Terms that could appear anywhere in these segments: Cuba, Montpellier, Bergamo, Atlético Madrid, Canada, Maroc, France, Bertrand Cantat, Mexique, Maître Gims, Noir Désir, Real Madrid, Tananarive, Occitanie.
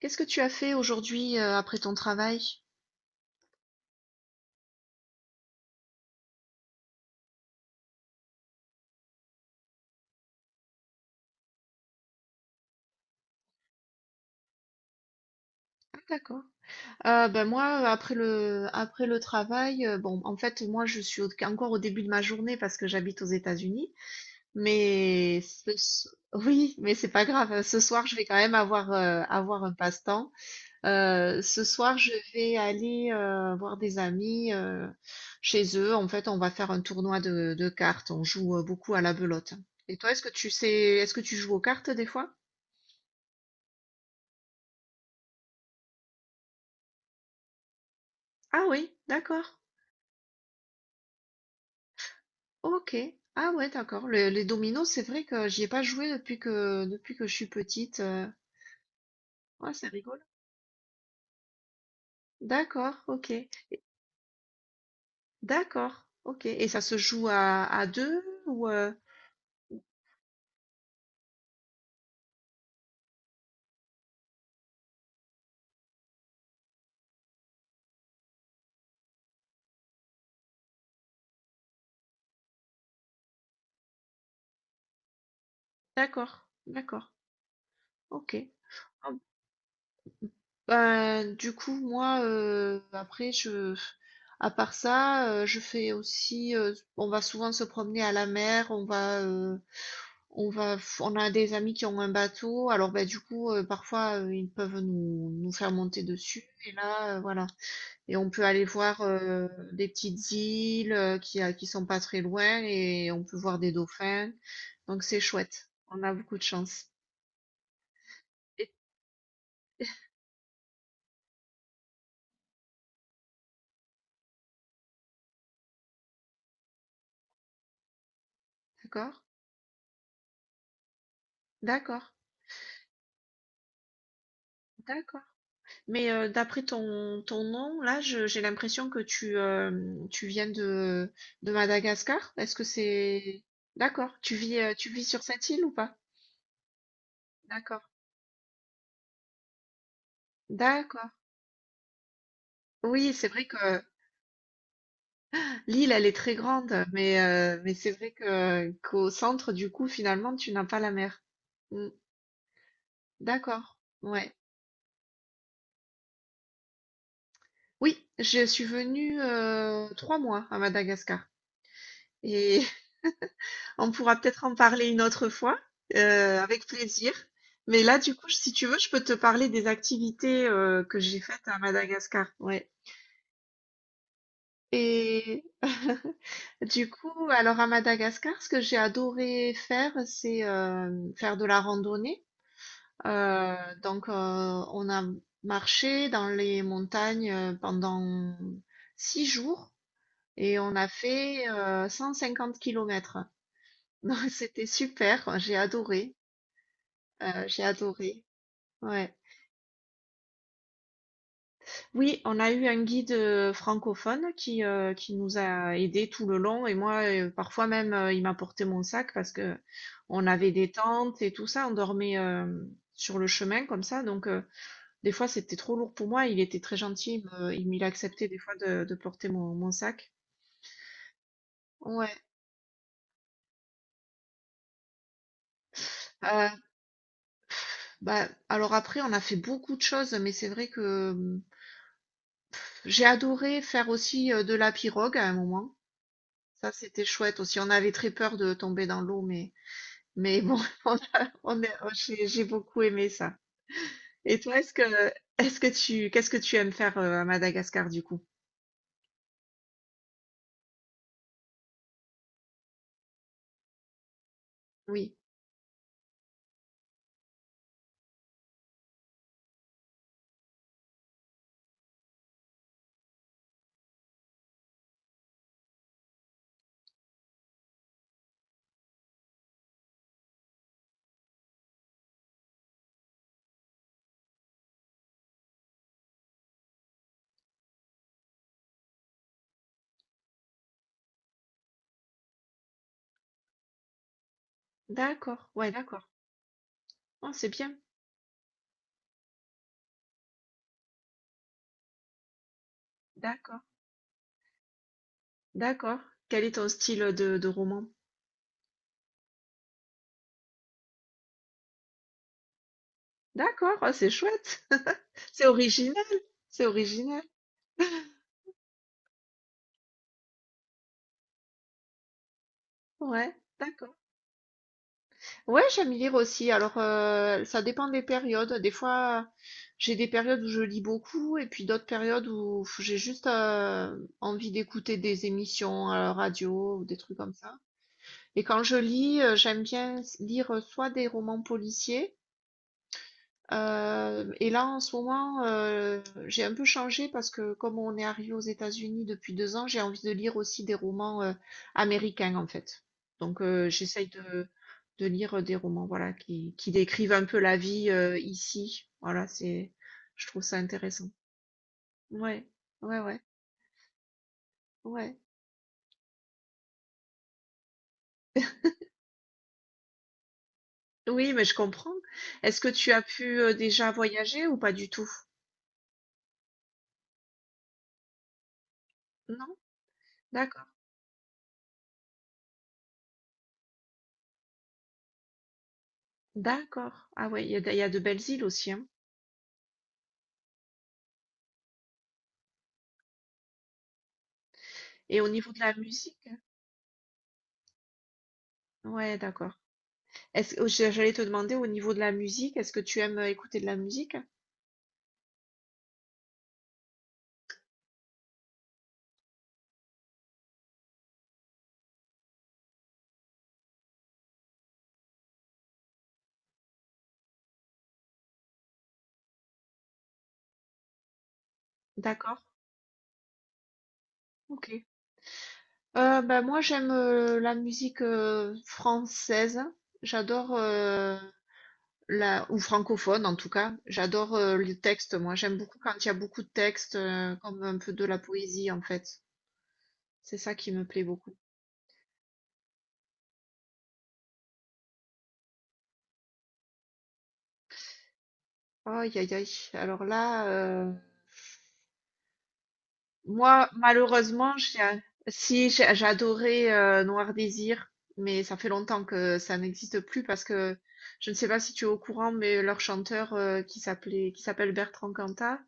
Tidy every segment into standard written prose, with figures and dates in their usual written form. Qu'est-ce que tu as fait aujourd'hui après ton travail? Ah, d'accord. Ben moi, après après le travail, bon, en fait, moi, je suis encore au début de ma journée parce que j'habite aux États-Unis. Mais oui, mais c'est pas grave, hein. Ce soir, je vais quand même avoir, avoir un passe-temps. Ce soir, je vais aller voir des amis chez eux. En fait, on va faire un tournoi de cartes. On joue beaucoup à la belote. Et toi, est-ce que tu joues aux cartes des fois? Ah oui, d'accord. OK. Ah ouais, d'accord. Le les dominos, c'est vrai que j'y ai pas joué depuis que je suis petite. Ouais, c'est rigolo. D'accord, OK. D'accord, OK, et ça se joue à deux ou? D'accord, d'accord, OK. Ah ben, du coup, moi, après je à part ça, je fais aussi, on va souvent se promener à la mer, On va, on a des amis qui ont un bateau, alors bah, du coup, parfois, ils peuvent nous faire monter dessus, et là, voilà. Et on peut aller voir des petites îles qui sont pas très loin, et on peut voir des dauphins, donc c'est chouette. On a beaucoup de chance. Et- D'accord? D'accord, d'accord. Mais d'après ton nom, là, j'ai l'impression que tu viens de Madagascar. Est-ce que c'est? D'accord, tu vis, sur cette île ou pas? D'accord. D'accord. Oui, c'est vrai que l'île, elle est très grande, mais c'est vrai que qu'au centre, du coup, finalement, tu n'as pas la mer. Mm, d'accord. Ouais. Oui, je suis venue 3 mois à Madagascar. Et on pourra peut-être en parler une autre fois, avec plaisir. Mais là, du coup, si tu veux, je peux te parler des activités que j'ai faites à Madagascar. Ouais. Et du coup, alors à Madagascar, ce que j'ai adoré faire, c'est faire de la randonnée. Euh, donc, on a marché dans les montagnes pendant 6 jours et on a fait 150 kilomètres. Donc, c'était super, j'ai adoré. Ouais. Oui, on a eu un guide francophone qui nous a aidés tout le long et moi, parfois même, il m'a porté mon sac parce que on avait des tentes et tout ça, on dormait sur le chemin comme ça, donc des fois c'était trop lourd pour moi, il était très gentil, il acceptait des fois de porter mon sac. Ouais. Euh, Bah, alors après, on a fait beaucoup de choses, mais c'est vrai que j'ai adoré faire aussi de la pirogue à un moment. Ça, c'était chouette aussi. On avait très peur de tomber dans l'eau, mais bon, on a- on est- oh, j'ai beaucoup aimé ça. Et toi, qu'est-ce que tu aimes faire à Madagascar du coup? Oui, d'accord, ouais, d'accord. Oh, c'est bien, d'accord, d'accord. Quel est ton style de roman? D'accord, oh, c'est chouette, c'est original, c'est original, ouais, d'accord. Ouais, j'aime lire aussi. Alors, ça dépend des périodes. Des fois, j'ai des périodes où je lis beaucoup et puis d'autres périodes où j'ai juste envie d'écouter des émissions à la radio ou des trucs comme ça. Et quand je lis, j'aime bien lire soit des romans policiers, et là, en ce moment, j'ai un peu changé parce que comme on est arrivé aux États-Unis depuis 2 ans, j'ai envie de lire aussi des romans américains en fait. Donc, j'essaye de lire des romans, voilà, qui décrivent un peu la vie ici. Voilà, je trouve ça intéressant. Ouais, ouais, ouais, ouais. Oui, mais je comprends. Est-ce que tu as pu déjà voyager ou pas du tout? Non? D'accord. D'accord. Ah ouais, il y a de belles îles aussi, hein. Et au niveau de la musique? Ouais, d'accord. Est-ce que j'allais te demander au niveau de la musique, est-ce que tu aimes écouter de la musique? D'accord, ok. Ben moi j'aime la musique française. J'adore, la, ou francophone en tout cas. J'adore les textes, moi. J'aime beaucoup quand il y a beaucoup de textes, comme un peu de la poésie en fait. C'est ça qui me plaît beaucoup. Aïe aïe aïe. Alors là, moi malheureusement, si j'ai adoré Noir Désir, mais ça fait longtemps que ça n'existe plus parce que je ne sais pas si tu es au courant, mais leur chanteur qui s'appelle Bertrand Cantat,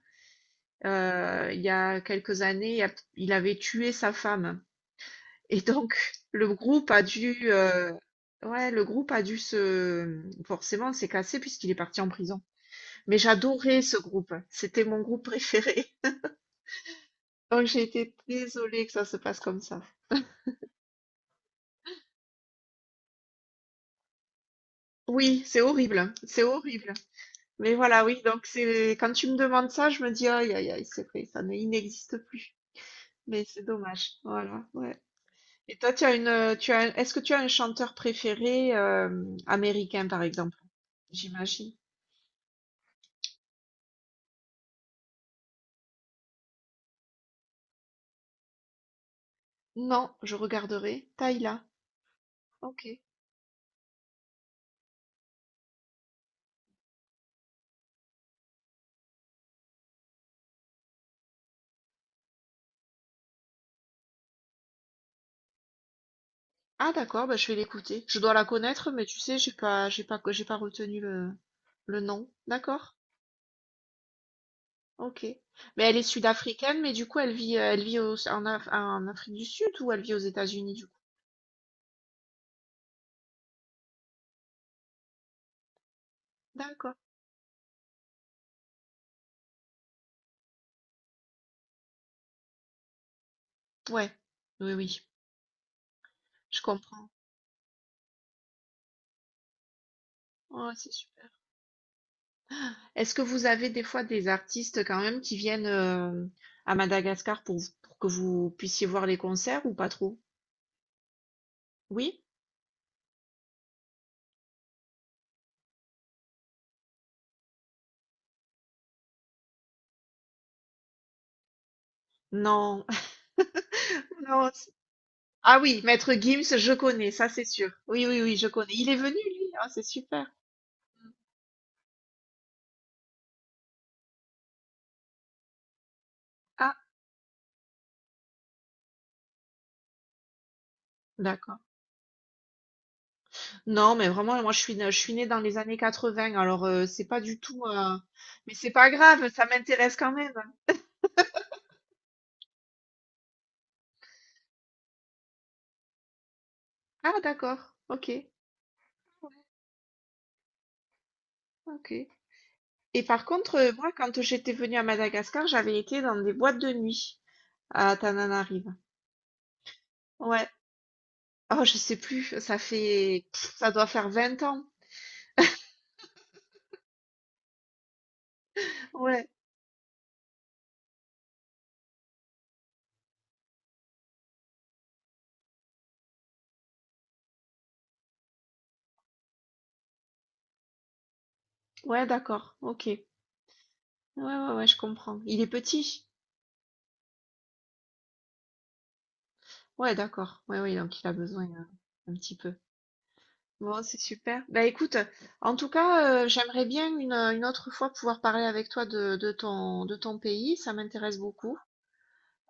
il y a quelques années, il avait tué sa femme. Et donc, le groupe a dû, ouais, le groupe a dû se, forcément, s'est cassé puisqu'il est parti en prison. Mais j'adorais ce groupe. C'était mon groupe préféré. Donc, j'ai été désolée que ça se passe comme ça. Oui, c'est horrible, hein. C'est horrible. Mais voilà, oui. Donc, quand tu me demandes ça, je me dis, aïe, aïe, aïe, c'est vrai, ça ne, il n'existe plus. Mais c'est dommage. Voilà, ouais. Et toi, tu as une, tu as, un- est-ce que tu as un chanteur préféré, américain, par exemple? J'imagine. Non, je regarderai. Taïla. OK. Ah d'accord, bah, je vais l'écouter. Je dois la connaître, mais tu sais, j'ai pas retenu le nom. D'accord. OK. Mais elle est sud-africaine, mais du coup, elle vit en Afrique du Sud ou elle vit aux États-Unis du coup? D'accord. Ouais. Oui, oui. Je comprends. Ouais, c'est super. Est-ce que vous avez des fois des artistes quand même qui viennent à Madagascar pour que vous puissiez voir les concerts ou pas trop? Oui? Non. Non, ah oui, Maître Gims, je connais, ça c'est sûr. Oui, oui, oui, je connais. Il est venu, lui. Ah, c'est super. Ah, d'accord. Non, mais vraiment, moi, je suis née dans les années 80, alors c'est pas du tout, mais c'est pas grave, ça m'intéresse quand même. Ah, d'accord. Ok, ok. Et par contre, moi, quand j'étais venue à Madagascar, j'avais été dans des boîtes de nuit à Tananarive. Ouais. Oh, je sais plus. Ça fait, ça doit faire 20 ans. Ouais. Ouais, d'accord. Ok. Ouais, ouais, ouais, je comprends. Il est petit. Ouais, d'accord. Ouais, ouais, donc il a besoin un petit peu. Bon, c'est super. Bah écoute, en tout cas, j'aimerais bien une autre fois pouvoir parler avec toi de ton pays. Ça m'intéresse beaucoup.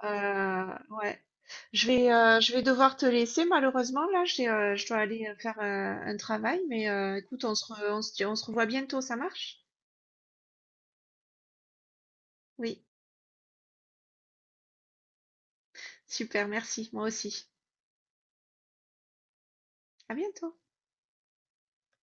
Ouais. Je vais devoir te laisser malheureusement. Là, je dois aller faire un travail. Mais écoute, on se, re- on se revoit bientôt. Ça marche? Oui. Super, merci. Moi aussi. À bientôt.